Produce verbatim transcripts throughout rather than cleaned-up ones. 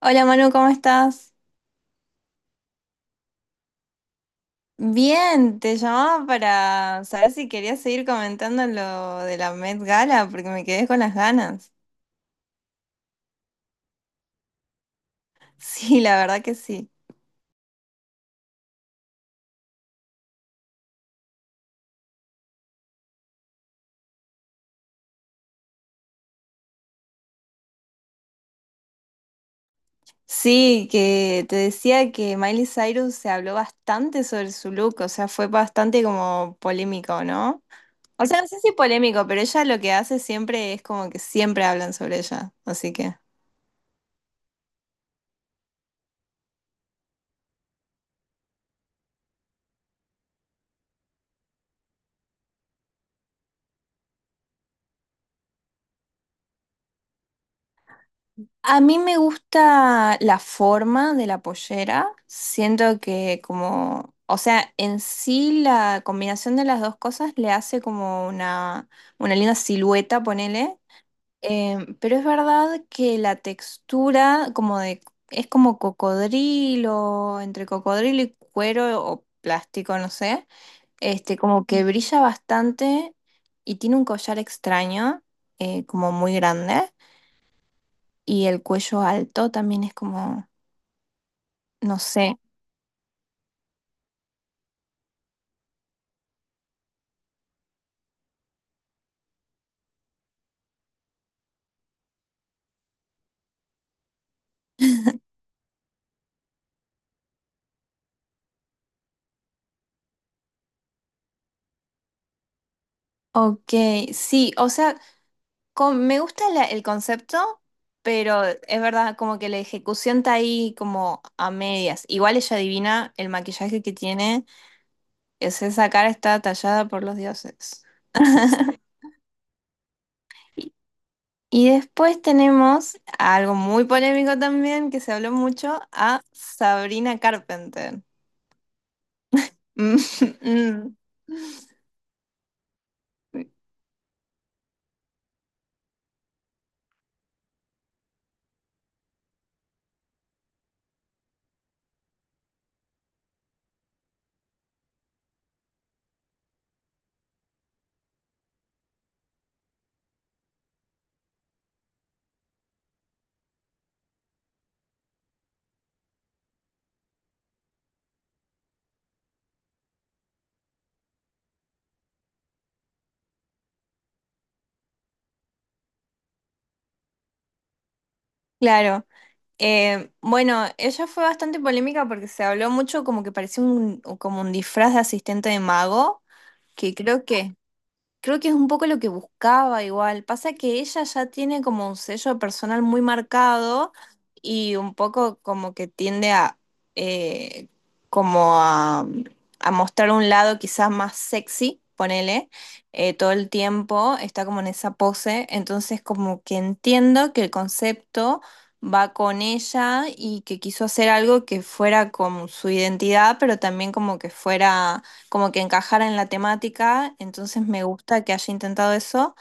Hola Manu, ¿cómo estás? Bien, te llamaba para saber si querías seguir comentando lo de la Met Gala, porque me quedé con las ganas. Sí, la verdad que sí. Sí, que te decía que Miley Cyrus se habló bastante sobre su look, o sea, fue bastante como polémico, ¿no? O sea, no sé si polémico, pero ella lo que hace siempre es como que siempre hablan sobre ella, así que... A mí me gusta la forma de la pollera. Siento que como, o sea, en sí la combinación de las dos cosas le hace como una, una linda silueta, ponele. Eh, pero es verdad que la textura como de, es como cocodrilo, entre cocodrilo y cuero o plástico, no sé. Este, como que brilla bastante y tiene un collar extraño, eh, como muy grande y el cuello alto también es como, no sé. Ok, sí, o sea, con- me gusta la- el concepto, pero es verdad, como que la ejecución está ahí como a medias. Igual ella adivina el maquillaje que tiene, es esa cara está tallada por los dioses. Y y después tenemos algo muy polémico también, que se habló mucho, a Sabrina Carpenter. Mm, mm, claro. Eh, bueno, ella fue bastante polémica porque se habló mucho como que parecía un, como un disfraz de asistente de mago, que creo que Creo que es un poco lo que buscaba igual. Pasa que ella ya tiene como un sello personal muy marcado y un poco como que tiende a eh, como a, a mostrar un lado quizás más sexy, ponele, eh, todo el tiempo, está como en esa pose. Entonces como que entiendo que el concepto va con ella y que quiso hacer algo que fuera con su identidad, pero también como que fuera como que encajara en la temática, entonces me gusta que haya intentado eso.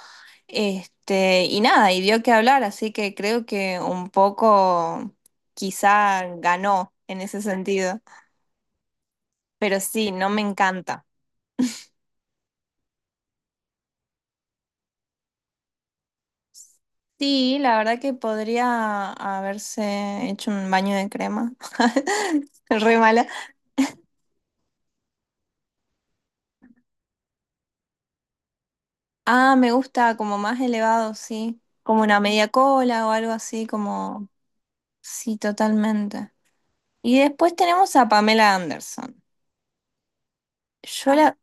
Este, y nada, y dio que hablar, así que creo que un poco quizá ganó en ese sentido, pero sí, no me encanta. Sí, la verdad que podría haberse hecho un baño de crema. Re mala. Ah, me gusta como más elevado, sí. Como una media cola o algo así, como... Sí, totalmente. Y después tenemos a Pamela Anderson. Yo la,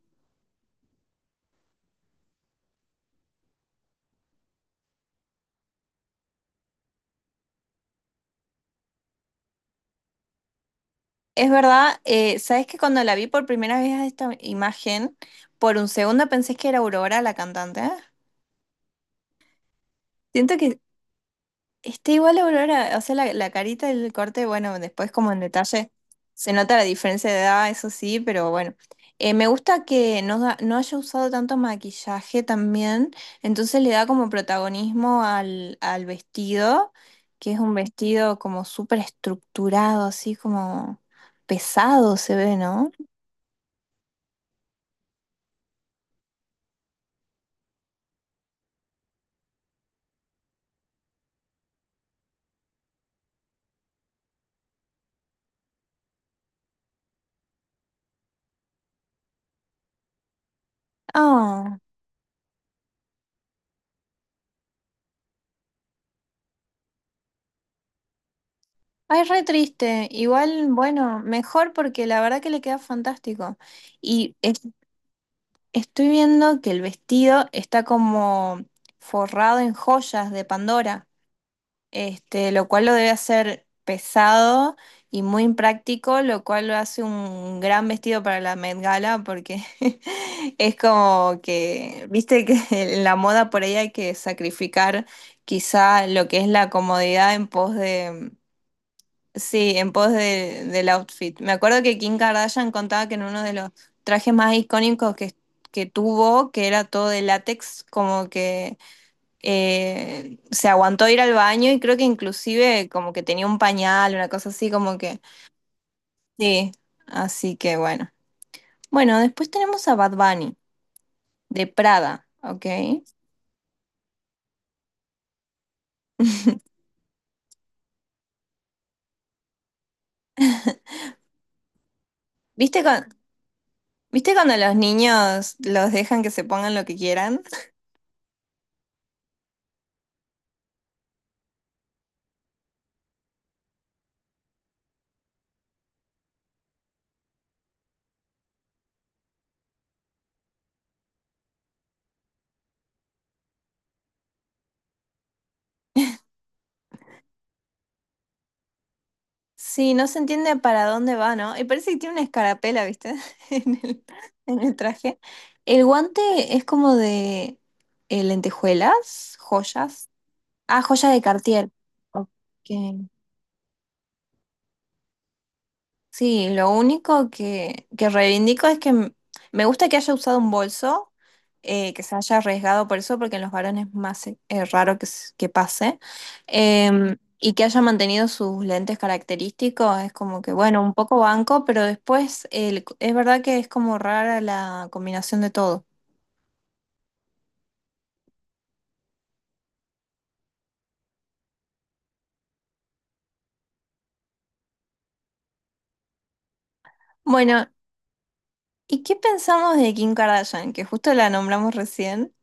es verdad, eh, ¿sabes que cuando la vi por primera vez a esta imagen, por un segundo pensé que era Aurora la cantante? Siento que está igual a Aurora, o sea, la, la carita y el corte, bueno, después como en detalle se nota la diferencia de edad, eso sí, pero bueno. Eh, me gusta que no, da- no haya usado tanto maquillaje también, entonces le da como protagonismo al, al vestido, que es un vestido como súper estructurado, así como pesado se ve, ¿no? Ah, ay, re triste. Igual, bueno, mejor porque la verdad que le queda fantástico. Y es- Estoy viendo que el vestido está como forrado en joyas de Pandora, este, lo cual lo debe hacer pesado y muy impráctico, lo cual lo hace un gran vestido para la Met Gala porque es como que, viste que en la moda por ahí hay que sacrificar quizá lo que es la comodidad en pos. Sí, en pos de- del outfit. Me acuerdo que Kim Kardashian contaba que en uno de los trajes más icónicos que, que tuvo, que era todo de látex, como que eh, se aguantó ir al baño y creo que inclusive como que tenía un pañal, una cosa así, como que... Sí, así que bueno. Bueno, después tenemos a Bad Bunny, de Prada, ¿ok? ¿Viste, cu- ¿Viste cuando los niños los dejan que se pongan lo que quieran? Sí, no se entiende para dónde va, ¿no? Y parece que tiene una escarapela, ¿viste? En el, en el traje. El guante es como de eh, lentejuelas, joyas. Ah, joya de Cartier. Ok. Sí, lo único que, que reivindico es que m- me gusta que haya usado un bolso, eh, que se haya arriesgado por eso, porque en los varones es más eh, eh, raro que, s- que pase. Em, y que haya mantenido sus lentes característicos, es como que, bueno, un poco banco, pero después el- es verdad que es como rara la combinación de todo. Bueno, ¿y qué pensamos de Kim Kardashian, que justo la nombramos recién?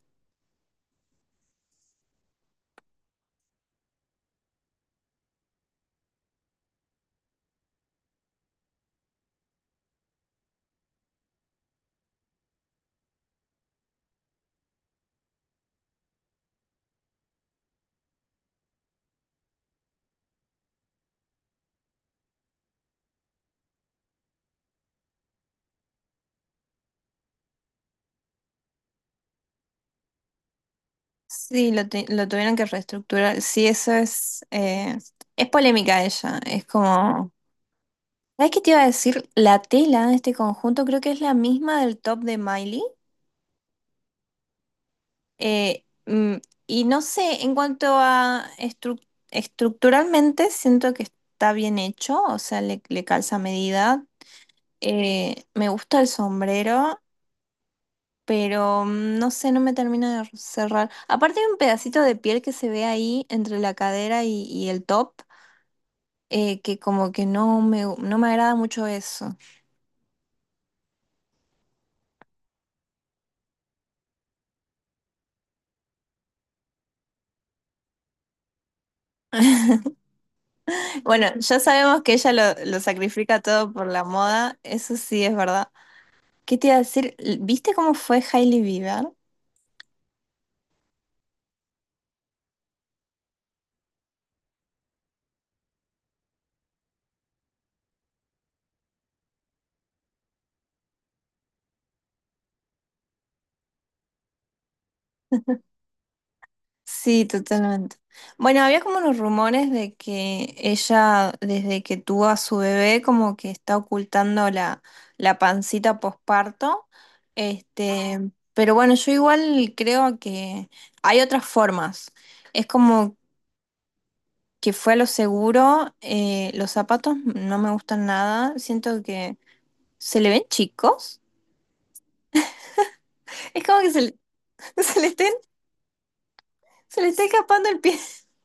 Sí, lo, tu- lo tuvieron que reestructurar. Sí, eso es. Eh, es polémica ella. Es como. ¿Sabes qué te iba a decir? La tela de este conjunto creo que es la misma del top de Miley. Eh, mm, y no sé, en cuanto a estru- estructuralmente, siento que está bien hecho. O sea, le, le calza a medida. Eh, me gusta el sombrero, pero mm, no sé, no me termina de cerrar. Aparte hay un pedacito de piel que se ve ahí entre la cadera y y el top eh, que como que no me, no me agrada mucho eso. Bueno, ya sabemos que ella lo, lo sacrifica todo por la moda, eso sí es verdad. ¿Qué te iba a decir? ¿Viste cómo fue Hailey Bieber? Sí, totalmente. Bueno, había como unos rumores de que ella, desde que tuvo a su bebé, como que está ocultando la, la pancita posparto. Este, pero bueno, yo igual creo que hay otras formas. Es como que fue a lo seguro. Eh, los zapatos no me gustan nada. Siento que se le ven chicos. Es como que se le, se le estén- se le está escapando el pie.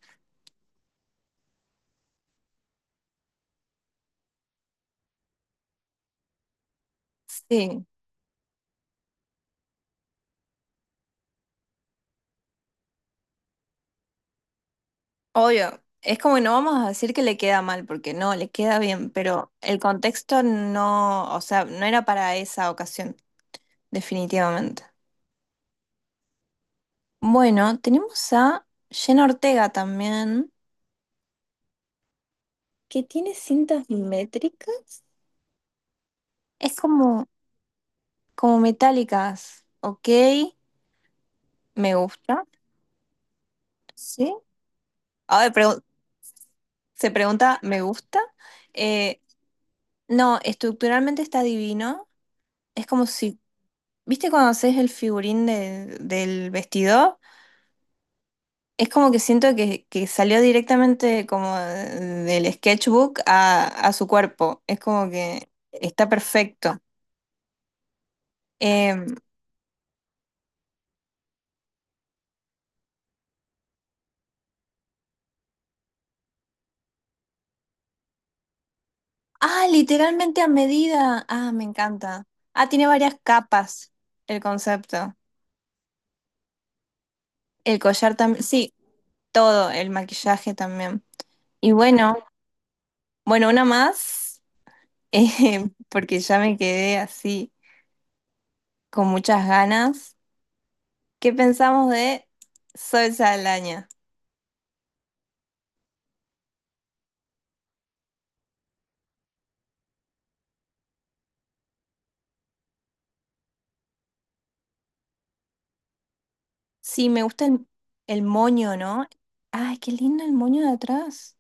Sí, obvio. Es como que no vamos a decir que le queda mal, porque no, le queda bien, pero el contexto no, o sea, no era para esa ocasión, definitivamente. Bueno, tenemos a Jenna Ortega también, que tiene cintas métricas. Es como, como metálicas, ¿ok? Me gusta, sí. Ahora pregu- Se pregunta, ¿me gusta? Eh, no, estructuralmente está divino. Es como si, ¿viste cuando haces el figurín de- del vestido? Es como que siento que, que salió directamente como del sketchbook a, a su cuerpo. Es como que está perfecto. Eh, ah, literalmente a medida. Ah, me encanta. Ah, tiene varias capas el concepto. El collar también. Sí, todo, el maquillaje también. Y bueno, bueno, una más, eh, porque ya me quedé así con muchas ganas. ¿Qué pensamos de Sol Saldaña? Sí, me gusta el, el moño, ¿no? Ay, qué lindo el moño de atrás.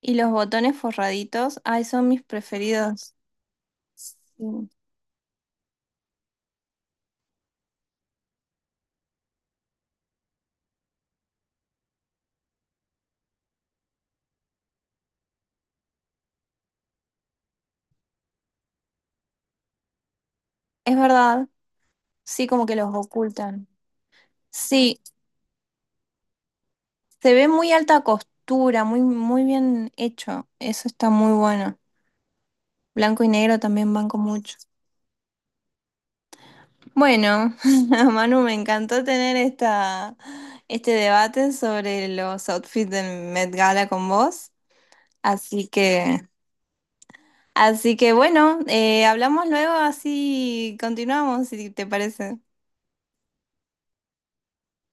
Y los botones forraditos, ay, son mis preferidos. Sí, es verdad, sí, como que los ocultan. Sí, se ve muy alta costura, muy, muy bien hecho. Eso está muy bueno. Blanco y negro también van con mucho. Bueno, Manu, me encantó tener esta, este debate sobre los outfits del Met Gala con vos. Así que, Así que bueno, eh, hablamos luego, así continuamos, si te parece.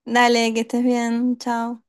Dale, que estés bien, chao.